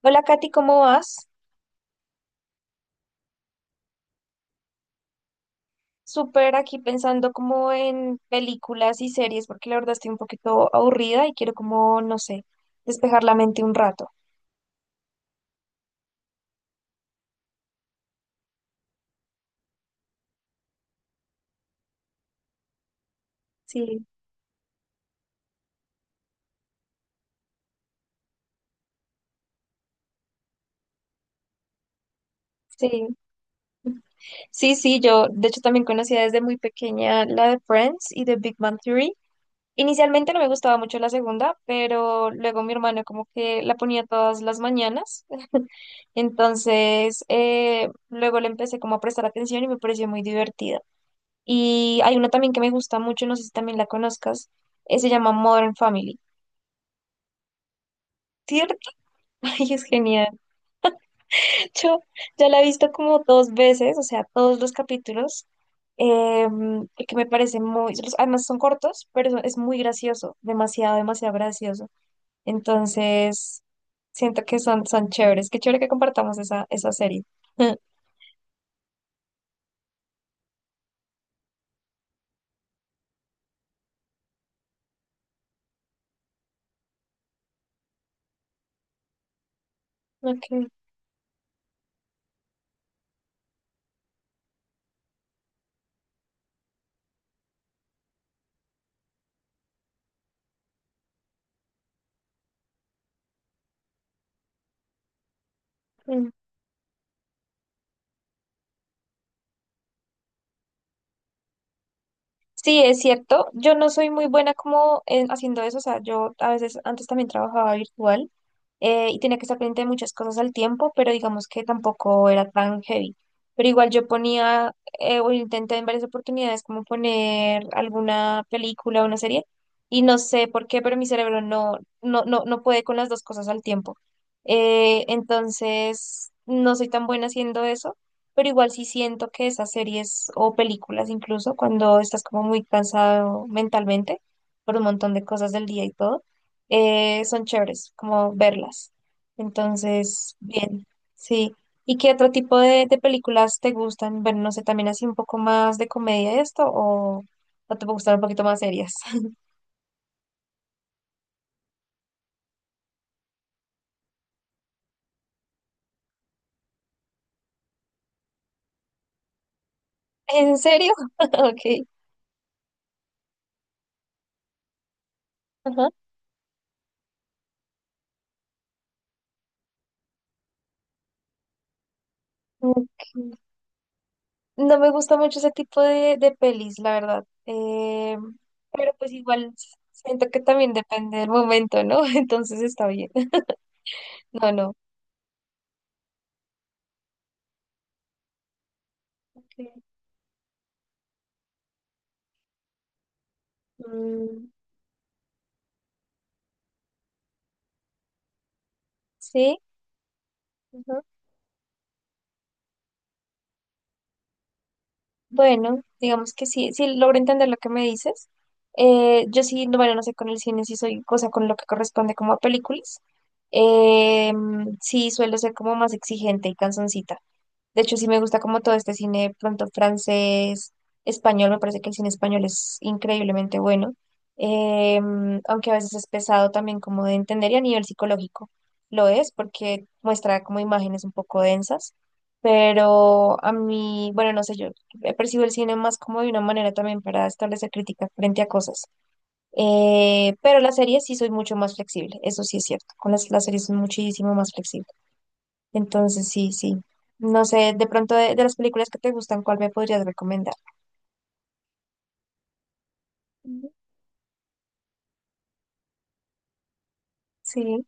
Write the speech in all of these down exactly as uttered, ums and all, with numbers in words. Hola Katy, ¿cómo vas? Súper aquí pensando como en películas y series porque la verdad estoy un poquito aburrida y quiero como, no sé, despejar la mente un rato. Sí, sí. Sí, sí, yo de hecho también conocía desde muy pequeña la de Friends y de Big Bang Theory. Inicialmente no me gustaba mucho la segunda, pero luego mi hermano como que la ponía todas las mañanas. Entonces, eh, luego le empecé como a prestar atención y me pareció muy divertida. Y hay una también que me gusta mucho, no sé si también la conozcas, eh, se llama Modern Family, ¿cierto? Ay, es genial. Yo ya la he visto como dos veces, o sea, todos los capítulos, em, porque me parece muy, los- además son cortos, pero son- es muy gracioso, demasiado, demasiado gracioso. Entonces, siento que son, son chéveres. Qué chévere que compartamos esa, esa serie. Ok. Mm. Sí, es cierto. Yo no soy muy buena como en- haciendo eso. O sea, yo a veces antes también trabajaba virtual, eh, y tenía que estar pendiente de muchas cosas al tiempo, pero digamos que tampoco era tan heavy. Pero igual yo ponía, eh, o intenté en varias oportunidades como poner alguna película o una serie y no sé por qué, pero mi cerebro no, no, no, no puede con las dos cosas al tiempo. Eh, entonces, no soy tan buena haciendo eso, pero igual sí siento que esas series o películas incluso, cuando estás como muy cansado mentalmente por un montón de cosas del día y todo, eh, son chéveres, como verlas. Entonces, bien, sí. ¿Y qué otro tipo de, de películas te gustan? Bueno, no sé, también así un poco más de comedia esto o, o te gustan un poquito más serias. ¿En serio? Ok. Ajá. Ok. No me gusta mucho ese tipo de, de pelis, la verdad. Eh, pero pues igual siento que también depende del momento, ¿no? Entonces está bien. No, no. Ok. Mm, sí. Ujú. Bueno, digamos que sí, sí logro entender lo que me dices. Eh, yo sí, no, bueno, no sé con el cine, sí soy cosa con lo que corresponde como a películas. Eh, mm, sí, suelo ser como más exigente y cansoncita. De hecho, sí me gusta como todo este cine pronto francés, español, me parece que el cine español es increíblemente bueno, em, aunque a veces es pesado también como de entender y a nivel psicológico lo es porque muestra como imágenes un poco densas, pero a mí, bueno, no sé, yo he percibido el cine más como de una manera también para establecer crítica frente a cosas, eh, pero las series sí soy mucho más flexible, eso sí es cierto, con las, las series soy muchísimo más flexible. Entonces, sí, sí. No sé, de pronto de, de las películas que te gustan, ¿cuál me podrías recomendar? Mm, sí.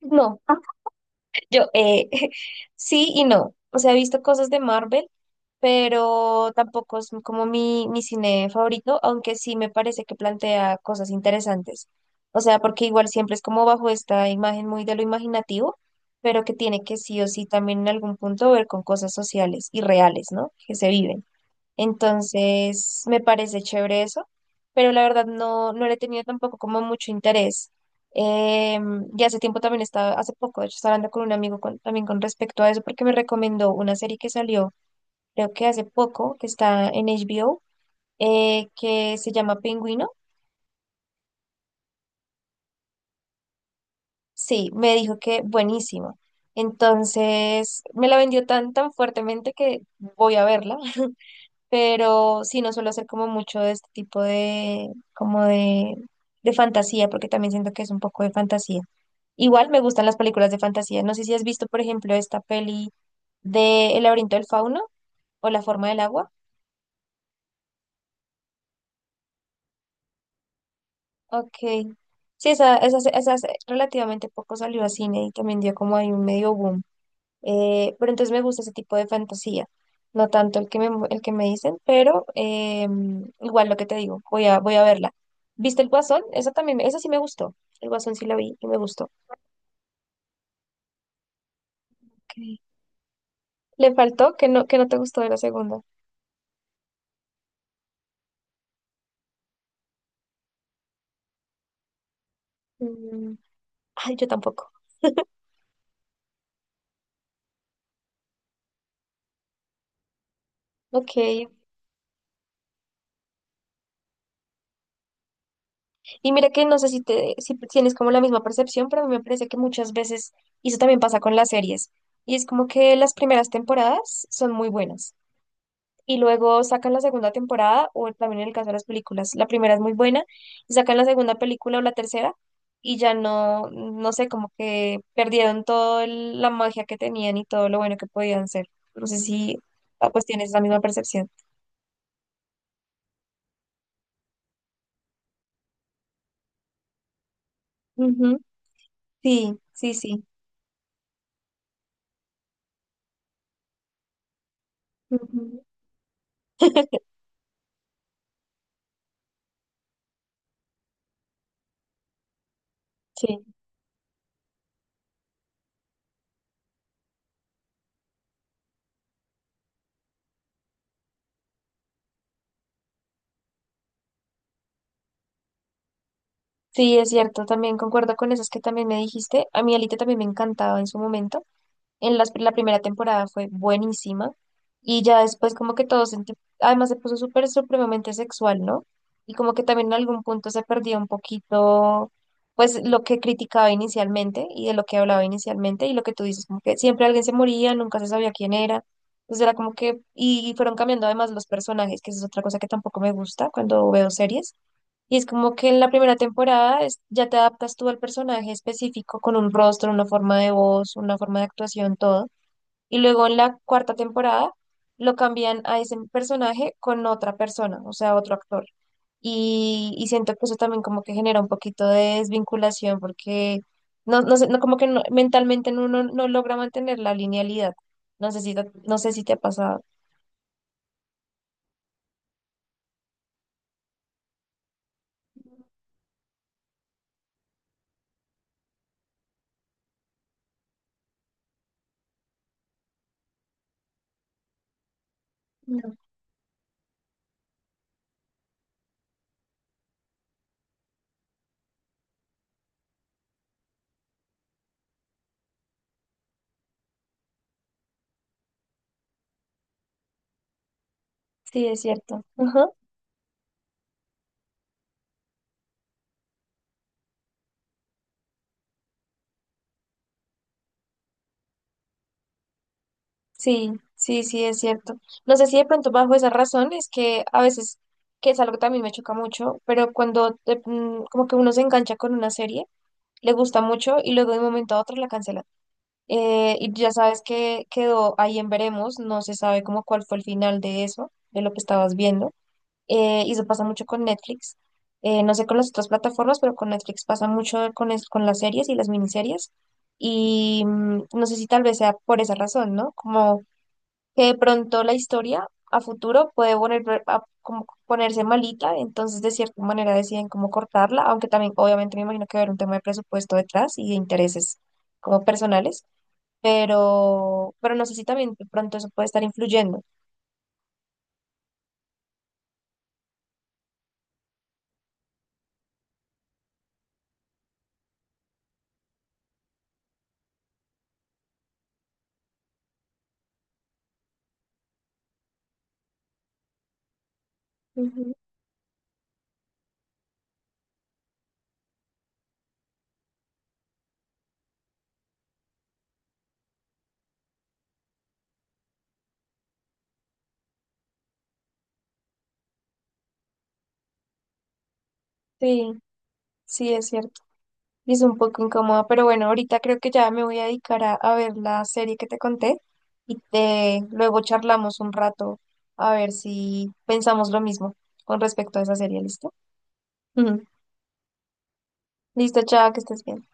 No, yo eh, sí y no. O sea, he visto cosas de Marvel, pero tampoco es como mi, mi cine favorito, aunque sí me parece que plantea cosas interesantes. O sea, porque igual siempre es como bajo esta imagen muy de lo imaginativo, pero que tiene que sí o sí también en algún punto ver con cosas sociales y reales, ¿no? Que se viven. Entonces, me parece chévere eso, pero la verdad no, no le he tenido tampoco como mucho interés. Eh, y hace tiempo también estaba, hace poco, de hecho, estaba hablando con un amigo con- también con respecto a eso, porque me recomendó una serie que salió, creo que hace poco, que está en H B O, eh, que se llama Pingüino. Sí, me dijo que buenísimo. Entonces, me la vendió tan, tan fuertemente que voy a verla. Pero sí, no suelo hacer como mucho de este tipo de, como de, de fantasía, porque también siento que es un poco de fantasía. Igual me gustan las películas de fantasía. No sé si has visto, por ejemplo, esta peli de El laberinto del fauno o La forma del agua. Ok. Sí, esa, esa, esa hace relativamente poco salió a cine y también dio como ahí un medio boom. Eh, pero entonces me gusta ese tipo de fantasía, no tanto el que me, el que me dicen, pero eh, igual lo que te digo, voy a, voy a verla. ¿Viste el Guasón? Esa también, me- esa sí me gustó. El Guasón sí la vi y me gustó. Ok. Le faltó que no, que no te gustó de la segunda. Mm, ay, yo tampoco. Ok. Y mira que no sé si, te, si tienes como la misma percepción, pero a mí me parece que muchas veces, y eso también pasa con las series, y es como que las primeras temporadas son muy buenas y luego sacan la segunda temporada, o también en el caso de las películas, la primera es muy buena, y sacan la segunda película o la tercera, y ya no, no sé, como que perdieron toda la magia que tenían y todo lo bueno que podían ser. No sé si ah, pues tienes la misma percepción. Ujú, sí, sí, sí. Ujú. Sí, sí, es cierto, también concuerdo con eso, es que también me dijiste, a mí Alita también me encantaba en su momento. En las- la primera temporada fue buenísima y ya después como que todo se enti- además se puso súper supremamente sexual, ¿no? Y como que también en algún punto se perdía un poquito pues lo que criticaba inicialmente y de lo que hablaba inicialmente y lo que tú dices, como que siempre alguien se moría, nunca se sabía quién era. Entonces era como que, y fueron cambiando además los personajes, que esa es otra cosa que tampoco me gusta cuando veo series y es como que en la primera temporada es- ya te adaptas tú al personaje específico con un rostro, una forma de voz, una forma de actuación, todo. Y luego en la cuarta temporada lo cambian a ese personaje con otra persona, o sea, otro actor. Y, y siento que eso también como que genera un poquito de desvinculación porque no, no sé, no, como que no- mentalmente uno no no logra mantener la linealidad. No sé si, te- no sé si te ha pasado. No. Sí, es cierto. Sí, sí, sí, es cierto. No sé si de pronto bajo esa razón es que a veces, que es algo que también me choca mucho, pero cuando eh, mm, como que uno se engancha con una serie, le gusta mucho y luego de un momento a otro la cancela. Eh, y ya sabes que quedó ahí en veremos, no se sabe como cuál fue el final de eso, de lo que estabas viendo. Eh, y eso pasa mucho con Netflix. Eh, no sé con las otras plataformas, pero con Netflix pasa mucho con, es- con las series y las miniseries. Y mm, no sé si tal vez sea por esa razón, ¿no? Como que de pronto la historia a futuro puede poner, a- como ponerse malita, entonces de cierta manera deciden cómo cortarla, aunque también obviamente me imagino que va a haber un tema de presupuesto detrás y de intereses como personales, pero, pero no sé si también de pronto eso puede estar influyendo. Ujú. Sí, sí, es cierto. Y es un poco incómodo, pero bueno, ahorita creo que ya me voy a dedicar a, a ver la serie que te conté y te, luego charlamos un rato a ver si pensamos lo mismo con respecto a esa serie, ¿listo? Ujú. Listo, chao, que estés bien.